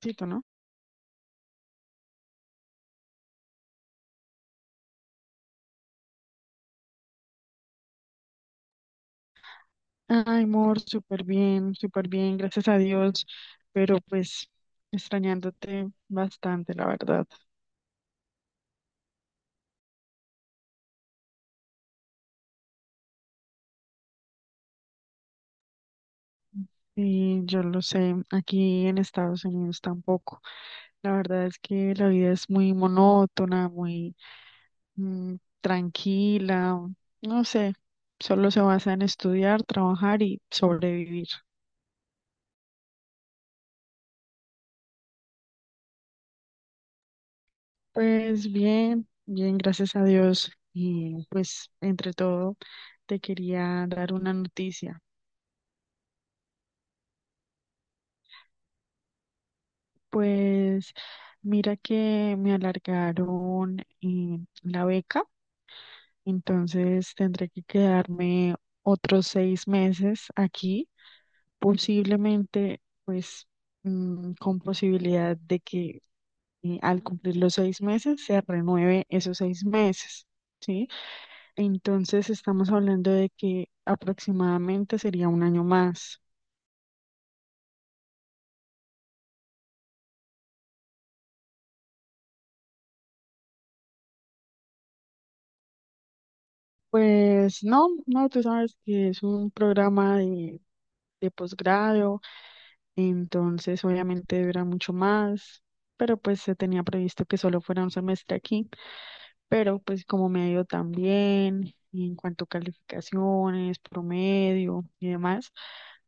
Tito, ¿no? Ay, amor, súper bien, gracias a Dios, pero pues extrañándote bastante, la verdad. Y yo lo sé, aquí en Estados Unidos tampoco. La verdad es que la vida es muy monótona, muy tranquila, no sé, solo se basa en estudiar, trabajar y sobrevivir. Pues bien, bien, gracias a Dios. Y pues entre todo, te quería dar una noticia. Pues mira que me alargaron la beca, entonces tendré que quedarme otros 6 meses aquí, posiblemente pues con posibilidad de que al cumplir los 6 meses se renueve esos 6 meses, ¿sí? Entonces estamos hablando de que aproximadamente sería un año más. Pues no, no, tú sabes que es un programa de posgrado, entonces obviamente dura mucho más, pero pues se tenía previsto que solo fuera un semestre aquí, pero pues como me ha ido tan bien en cuanto a calificaciones, promedio y demás,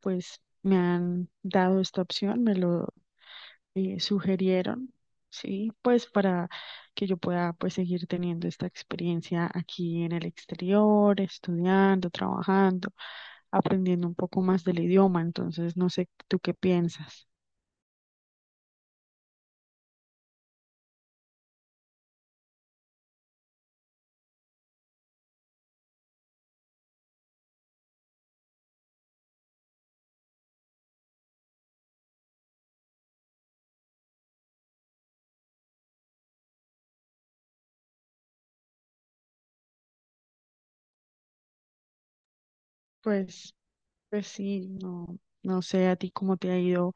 pues me han dado esta opción, me lo sugirieron, sí, pues para que yo pueda pues seguir teniendo esta experiencia aquí en el exterior, estudiando, trabajando, aprendiendo un poco más del idioma. Entonces, no sé, ¿tú qué piensas? Pues, pues sí, no, no sé a ti cómo te ha ido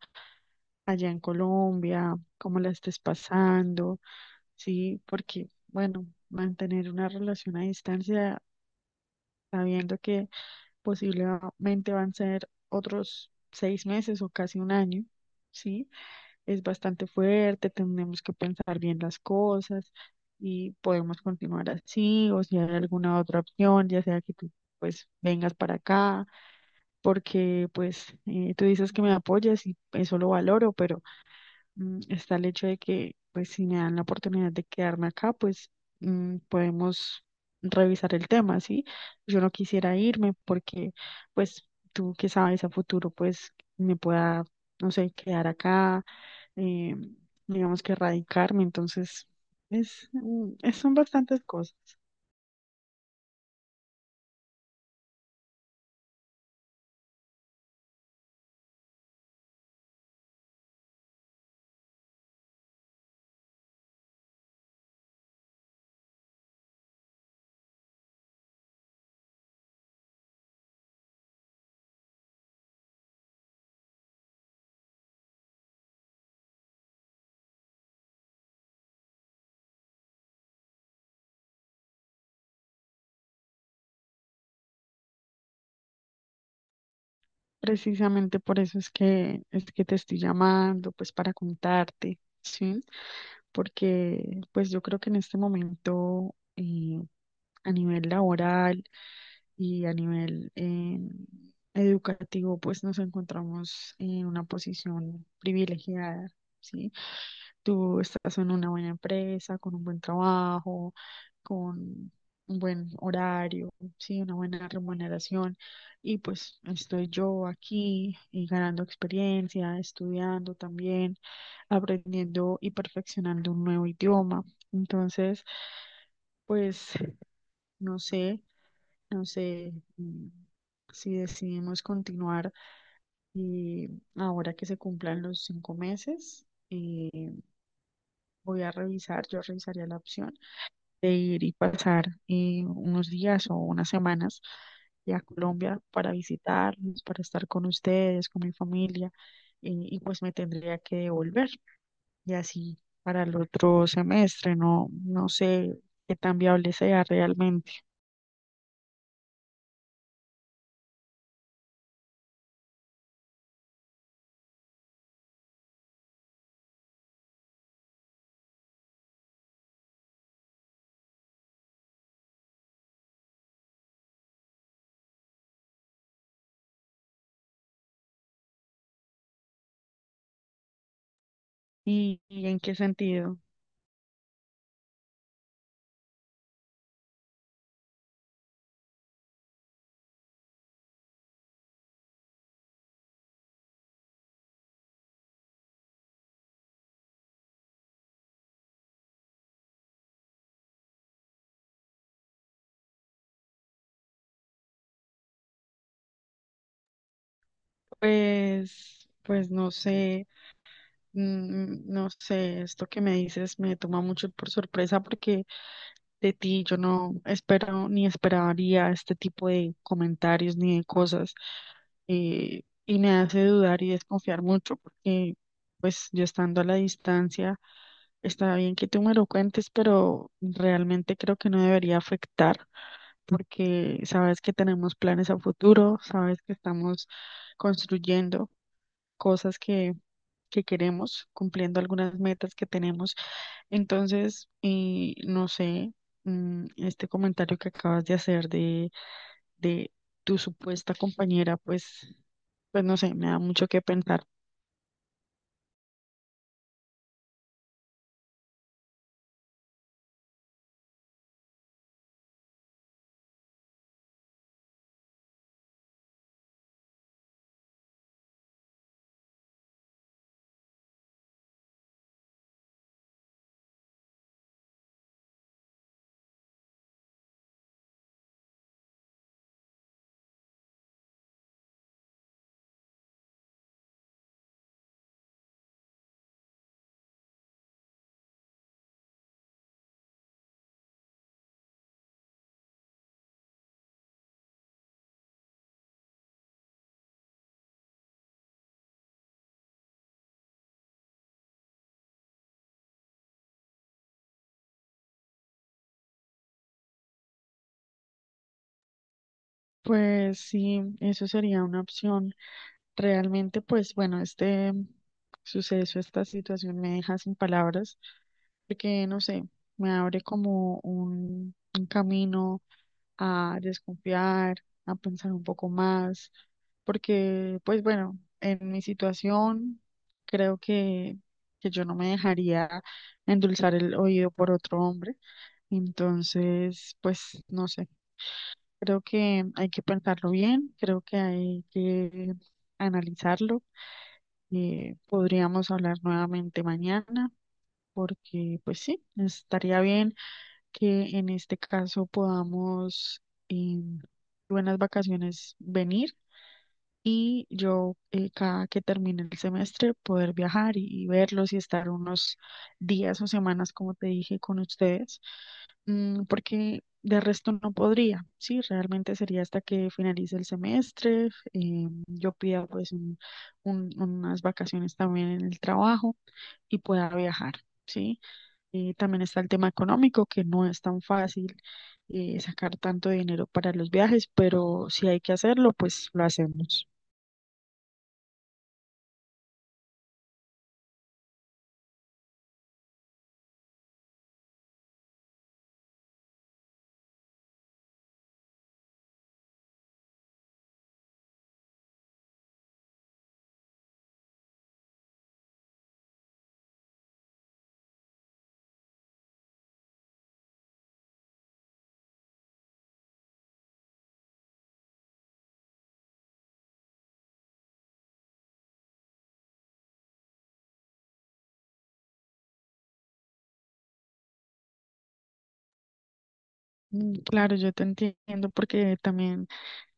allá en Colombia, cómo la estés pasando, sí, porque, bueno, mantener una relación a distancia sabiendo que posiblemente van a ser otros 6 meses o casi un año, ¿sí? Es bastante fuerte, tenemos que pensar bien las cosas y podemos continuar así, o si hay alguna otra opción, ya sea que tú pues vengas para acá, porque pues tú dices que me apoyas y eso lo valoro, pero está el hecho de que, pues, si me dan la oportunidad de quedarme acá, pues podemos revisar el tema, ¿sí? Yo no quisiera irme porque, pues, tú que sabes a futuro, pues, me pueda, no sé, quedar acá, eh, digamos que radicarme, entonces, son bastantes cosas. Precisamente por eso es que te estoy llamando, pues para contarte, ¿sí? Porque pues yo creo que en este momento a nivel laboral y a nivel educativo, pues nos encontramos en una posición privilegiada, ¿sí? Tú estás en una buena empresa, con un buen trabajo, con un buen horario, ¿sí? Una buena remuneración. Y pues estoy yo aquí ganando experiencia, estudiando también, aprendiendo y perfeccionando un nuevo idioma. Entonces, pues no sé, no sé si decidimos continuar y ahora que se cumplan los 5 meses, voy a revisar, yo revisaría la opción de ir y pasar unos días o unas semanas ya a Colombia para visitarlos, para estar con ustedes, con mi familia, y pues me tendría que devolver. Y así para el otro semestre, no, no sé qué tan viable sea realmente. ¿Y en qué sentido? Pues no sé. Mm, No sé, esto que me dices me toma mucho por sorpresa porque de ti yo no espero ni esperaría este tipo de comentarios ni de cosas y me hace dudar y desconfiar mucho porque pues yo estando a la distancia está bien que tú me lo cuentes, pero realmente creo que no debería afectar porque sabes que tenemos planes a futuro, sabes que estamos construyendo cosas que queremos, cumpliendo algunas metas que tenemos. Entonces, y no sé, este comentario que acabas de hacer de tu supuesta compañera, pues, pues no sé, me da mucho que pensar. Pues sí, eso sería una opción. Realmente, pues bueno, este suceso, esta situación me deja sin palabras, porque no sé, me abre como un camino a desconfiar, a pensar un poco más, porque pues bueno, en mi situación creo que yo no me dejaría endulzar el oído por otro hombre, entonces pues no sé, creo que hay que pensarlo bien, creo que hay que analizarlo, podríamos hablar nuevamente mañana, porque pues sí, estaría bien que en este caso podamos en buenas vacaciones venir y yo cada que termine el semestre poder viajar y verlos y estar unos días o semanas, como te dije, con ustedes, porque de resto no podría, sí, realmente sería hasta que finalice el semestre, yo pida pues unas vacaciones también en el trabajo y pueda viajar, sí. Y también está el tema económico, que no es tan fácil sacar tanto dinero para los viajes, pero si hay que hacerlo, pues lo hacemos. Mm, claro, yo te entiendo porque también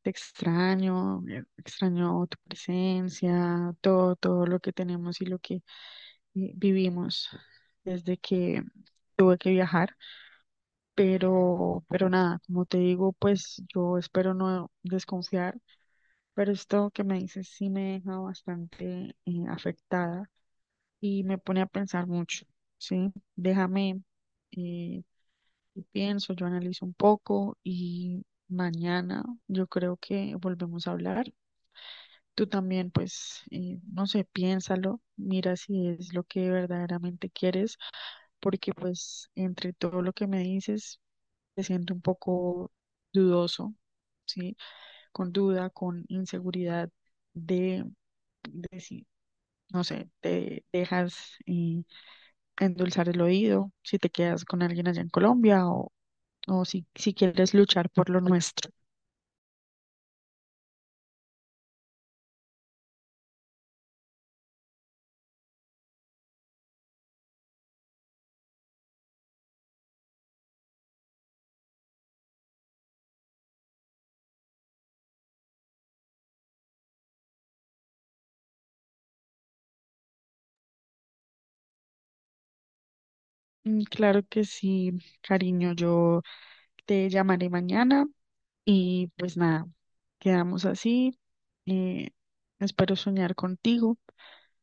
te extraño, extraño tu presencia, todo, todo lo que tenemos y lo que vivimos desde que tuve que viajar, pero nada, como te digo, pues yo espero no desconfiar, pero esto que me dices sí me deja bastante afectada y me pone a pensar mucho, ¿sí? Déjame, eh, yo pienso, yo analizo un poco y mañana yo creo que volvemos a hablar. Tú también, pues, no sé, piénsalo, mira si es lo que verdaderamente quieres, porque pues entre todo lo que me dices, te siento un poco dudoso, ¿sí? Con duda, con inseguridad de, de si, no sé, te dejas, endulzar el oído, si te quedas con alguien allá en Colombia o si, si quieres luchar por lo nuestro. Mm, claro que sí, cariño, yo te llamaré mañana y pues nada, quedamos así. eh, espero soñar contigo,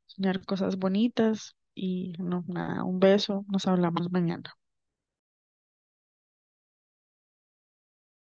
soñar cosas bonitas y no, nada, un beso, nos hablamos mañana.